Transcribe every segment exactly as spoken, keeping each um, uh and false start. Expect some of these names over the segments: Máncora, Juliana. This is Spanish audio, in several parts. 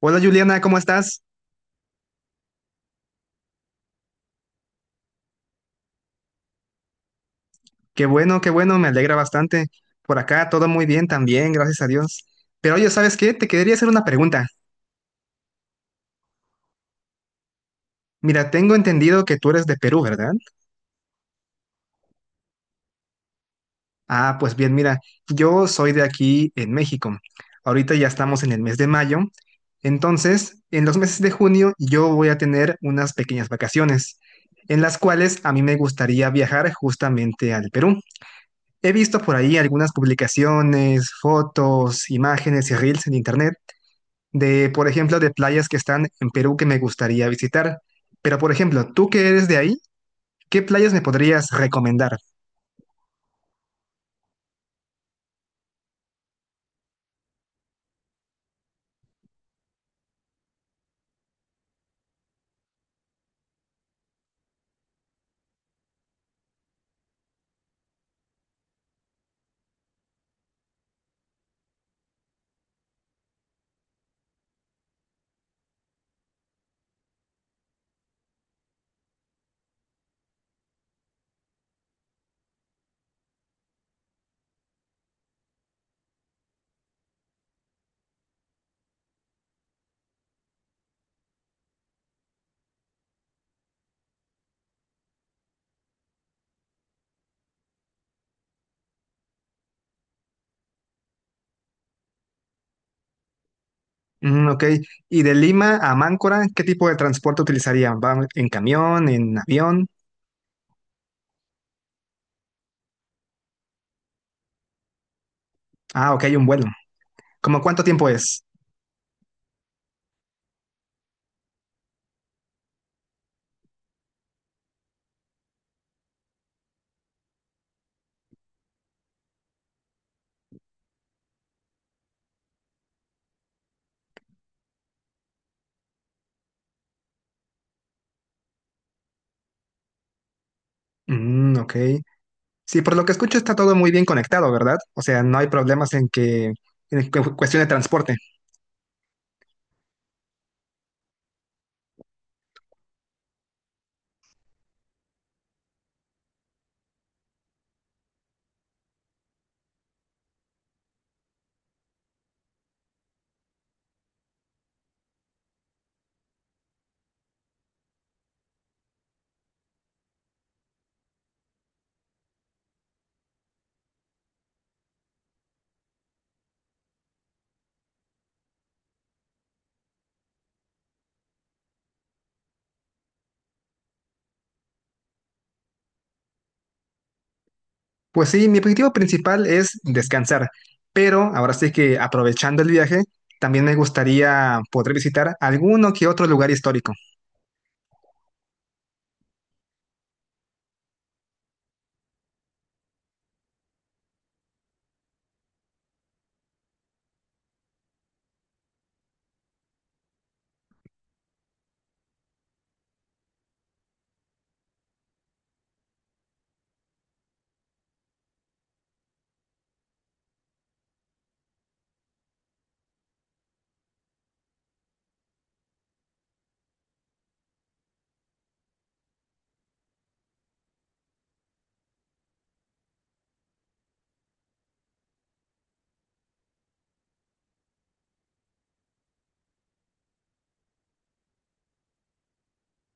Hola Juliana, ¿cómo estás? Qué bueno, qué bueno, me alegra bastante. Por acá todo muy bien también, gracias a Dios. Pero oye, ¿sabes qué? Te quería hacer una pregunta. Mira, tengo entendido que tú eres de Perú, ¿verdad? Ah, pues bien, mira, yo soy de aquí en México. Ahorita ya estamos en el mes de mayo. Entonces, en los meses de junio yo voy a tener unas pequeñas vacaciones, en las cuales a mí me gustaría viajar justamente al Perú. He visto por ahí algunas publicaciones, fotos, imágenes y reels en internet, de, por ejemplo, de playas que están en Perú que me gustaría visitar. Pero, por ejemplo, tú que eres de ahí, ¿qué playas me podrías recomendar? Mm, ok. Y de Lima a Máncora, ¿qué tipo de transporte utilizaría, va en camión, en avión? Ah, ok, un vuelo. ¿Cómo cuánto tiempo es? Mm, ok. Sí, por lo que escucho está todo muy bien conectado, ¿verdad? O sea, no hay problemas en que, en cu- cuestión de transporte. Pues sí, mi objetivo principal es descansar, pero ahora sí que aprovechando el viaje, también me gustaría poder visitar alguno que otro lugar histórico.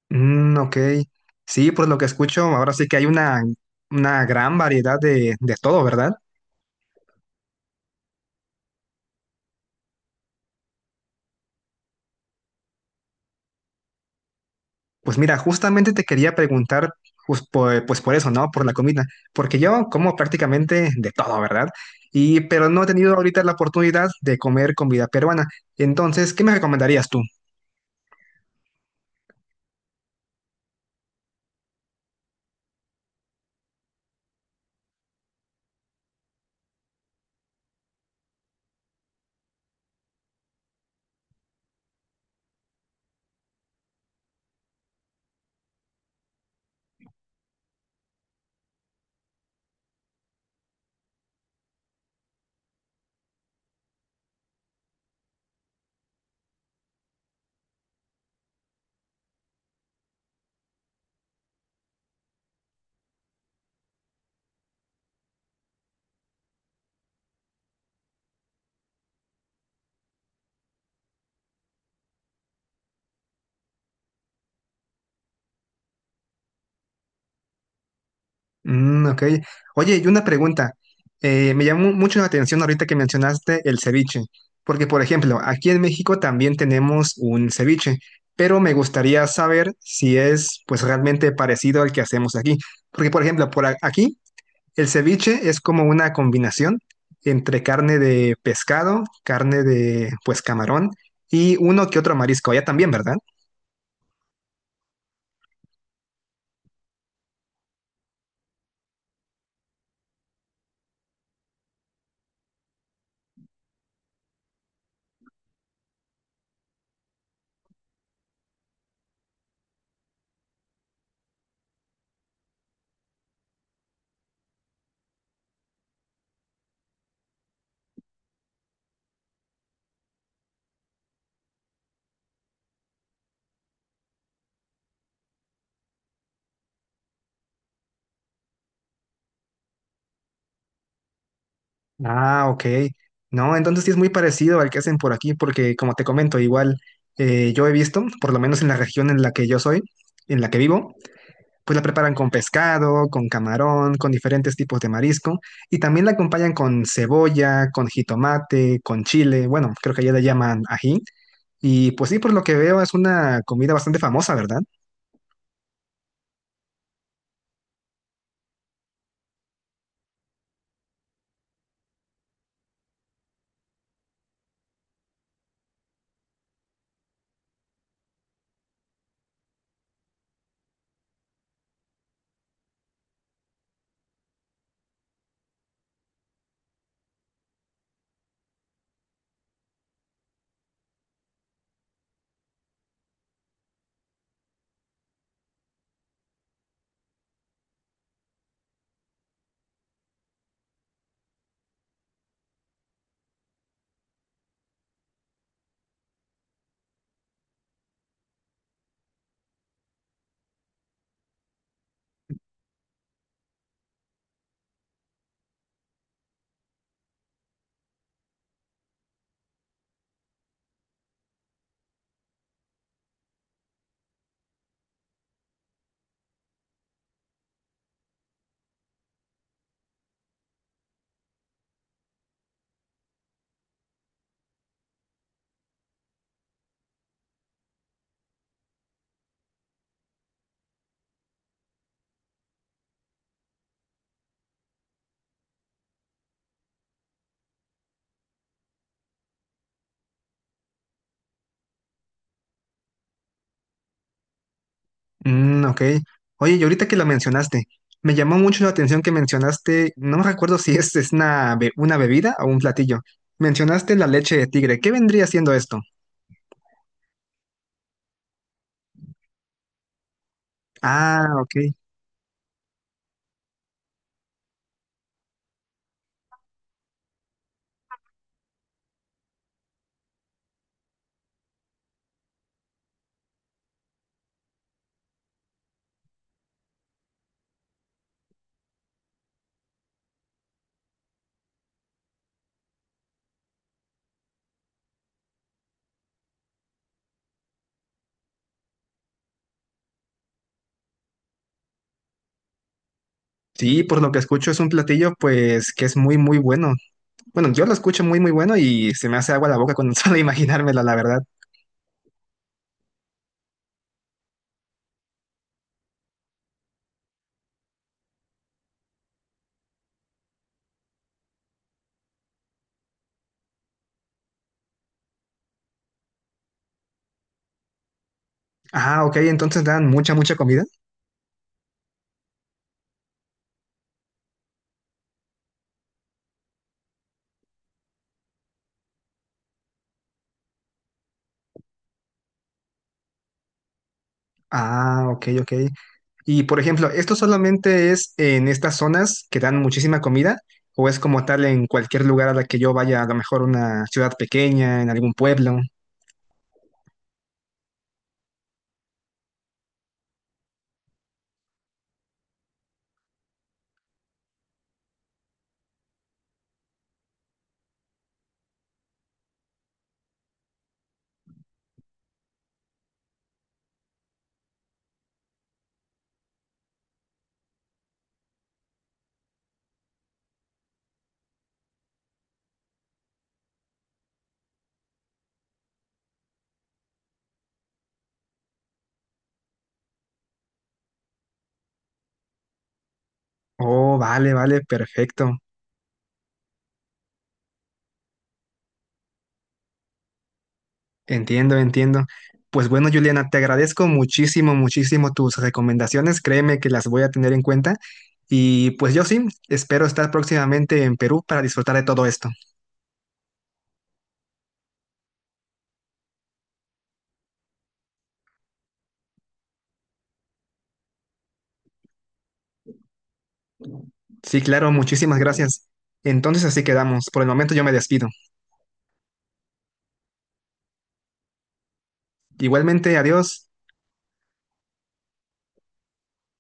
Mm, ok. Sí, por lo que escucho, ahora sí que hay una, una gran variedad de, de todo, ¿verdad? Pues mira, justamente te quería preguntar, pues por, pues por eso, ¿no? Por la comida, porque yo como prácticamente de todo, ¿verdad? Y, pero no he tenido ahorita la oportunidad de comer comida peruana. Entonces, ¿qué me recomendarías tú? Mm, ok. Oye, y una pregunta. Eh, me llamó mucho la atención ahorita que mencionaste el ceviche, porque por ejemplo, aquí en México también tenemos un ceviche, pero me gustaría saber si es pues realmente parecido al que hacemos aquí, porque por ejemplo, por a- aquí el ceviche es como una combinación entre carne de pescado, carne de pues camarón y uno que otro marisco, allá también, ¿verdad? Ah, ok. No, entonces sí es muy parecido al que hacen por aquí, porque como te comento, igual eh, yo he visto, por lo menos en la región en la que yo soy, en la que vivo, pues la preparan con pescado, con camarón, con diferentes tipos de marisco, y también la acompañan con cebolla, con jitomate, con chile, bueno, creo que allá le llaman ají, y pues sí, por lo que veo es una comida bastante famosa, ¿verdad? Mm, ok. Oye, y ahorita que la mencionaste, me llamó mucho la atención que mencionaste, no me recuerdo si es, es una, be- una bebida o un platillo. Mencionaste la leche de tigre. ¿Qué vendría siendo esto? Ah, ok. Sí, por lo que escucho es un platillo pues que es muy, muy bueno. Bueno, yo lo escucho muy, muy bueno y se me hace agua la boca con solo imaginármela, la verdad. Ah, ok, entonces dan mucha, mucha comida. Ah, ok, ok. Y por ejemplo, ¿esto solamente es en estas zonas que dan muchísima comida o es como tal en cualquier lugar a la que yo vaya, a lo mejor una ciudad pequeña, en algún pueblo? Oh, vale, vale, perfecto. Entiendo, entiendo. Pues bueno, Juliana, te agradezco muchísimo, muchísimo tus recomendaciones. Créeme que las voy a tener en cuenta. Y pues yo sí, espero estar próximamente en Perú para disfrutar de todo esto. Sí, claro, muchísimas gracias. Entonces así quedamos. Por el momento yo me despido. Igualmente, adiós.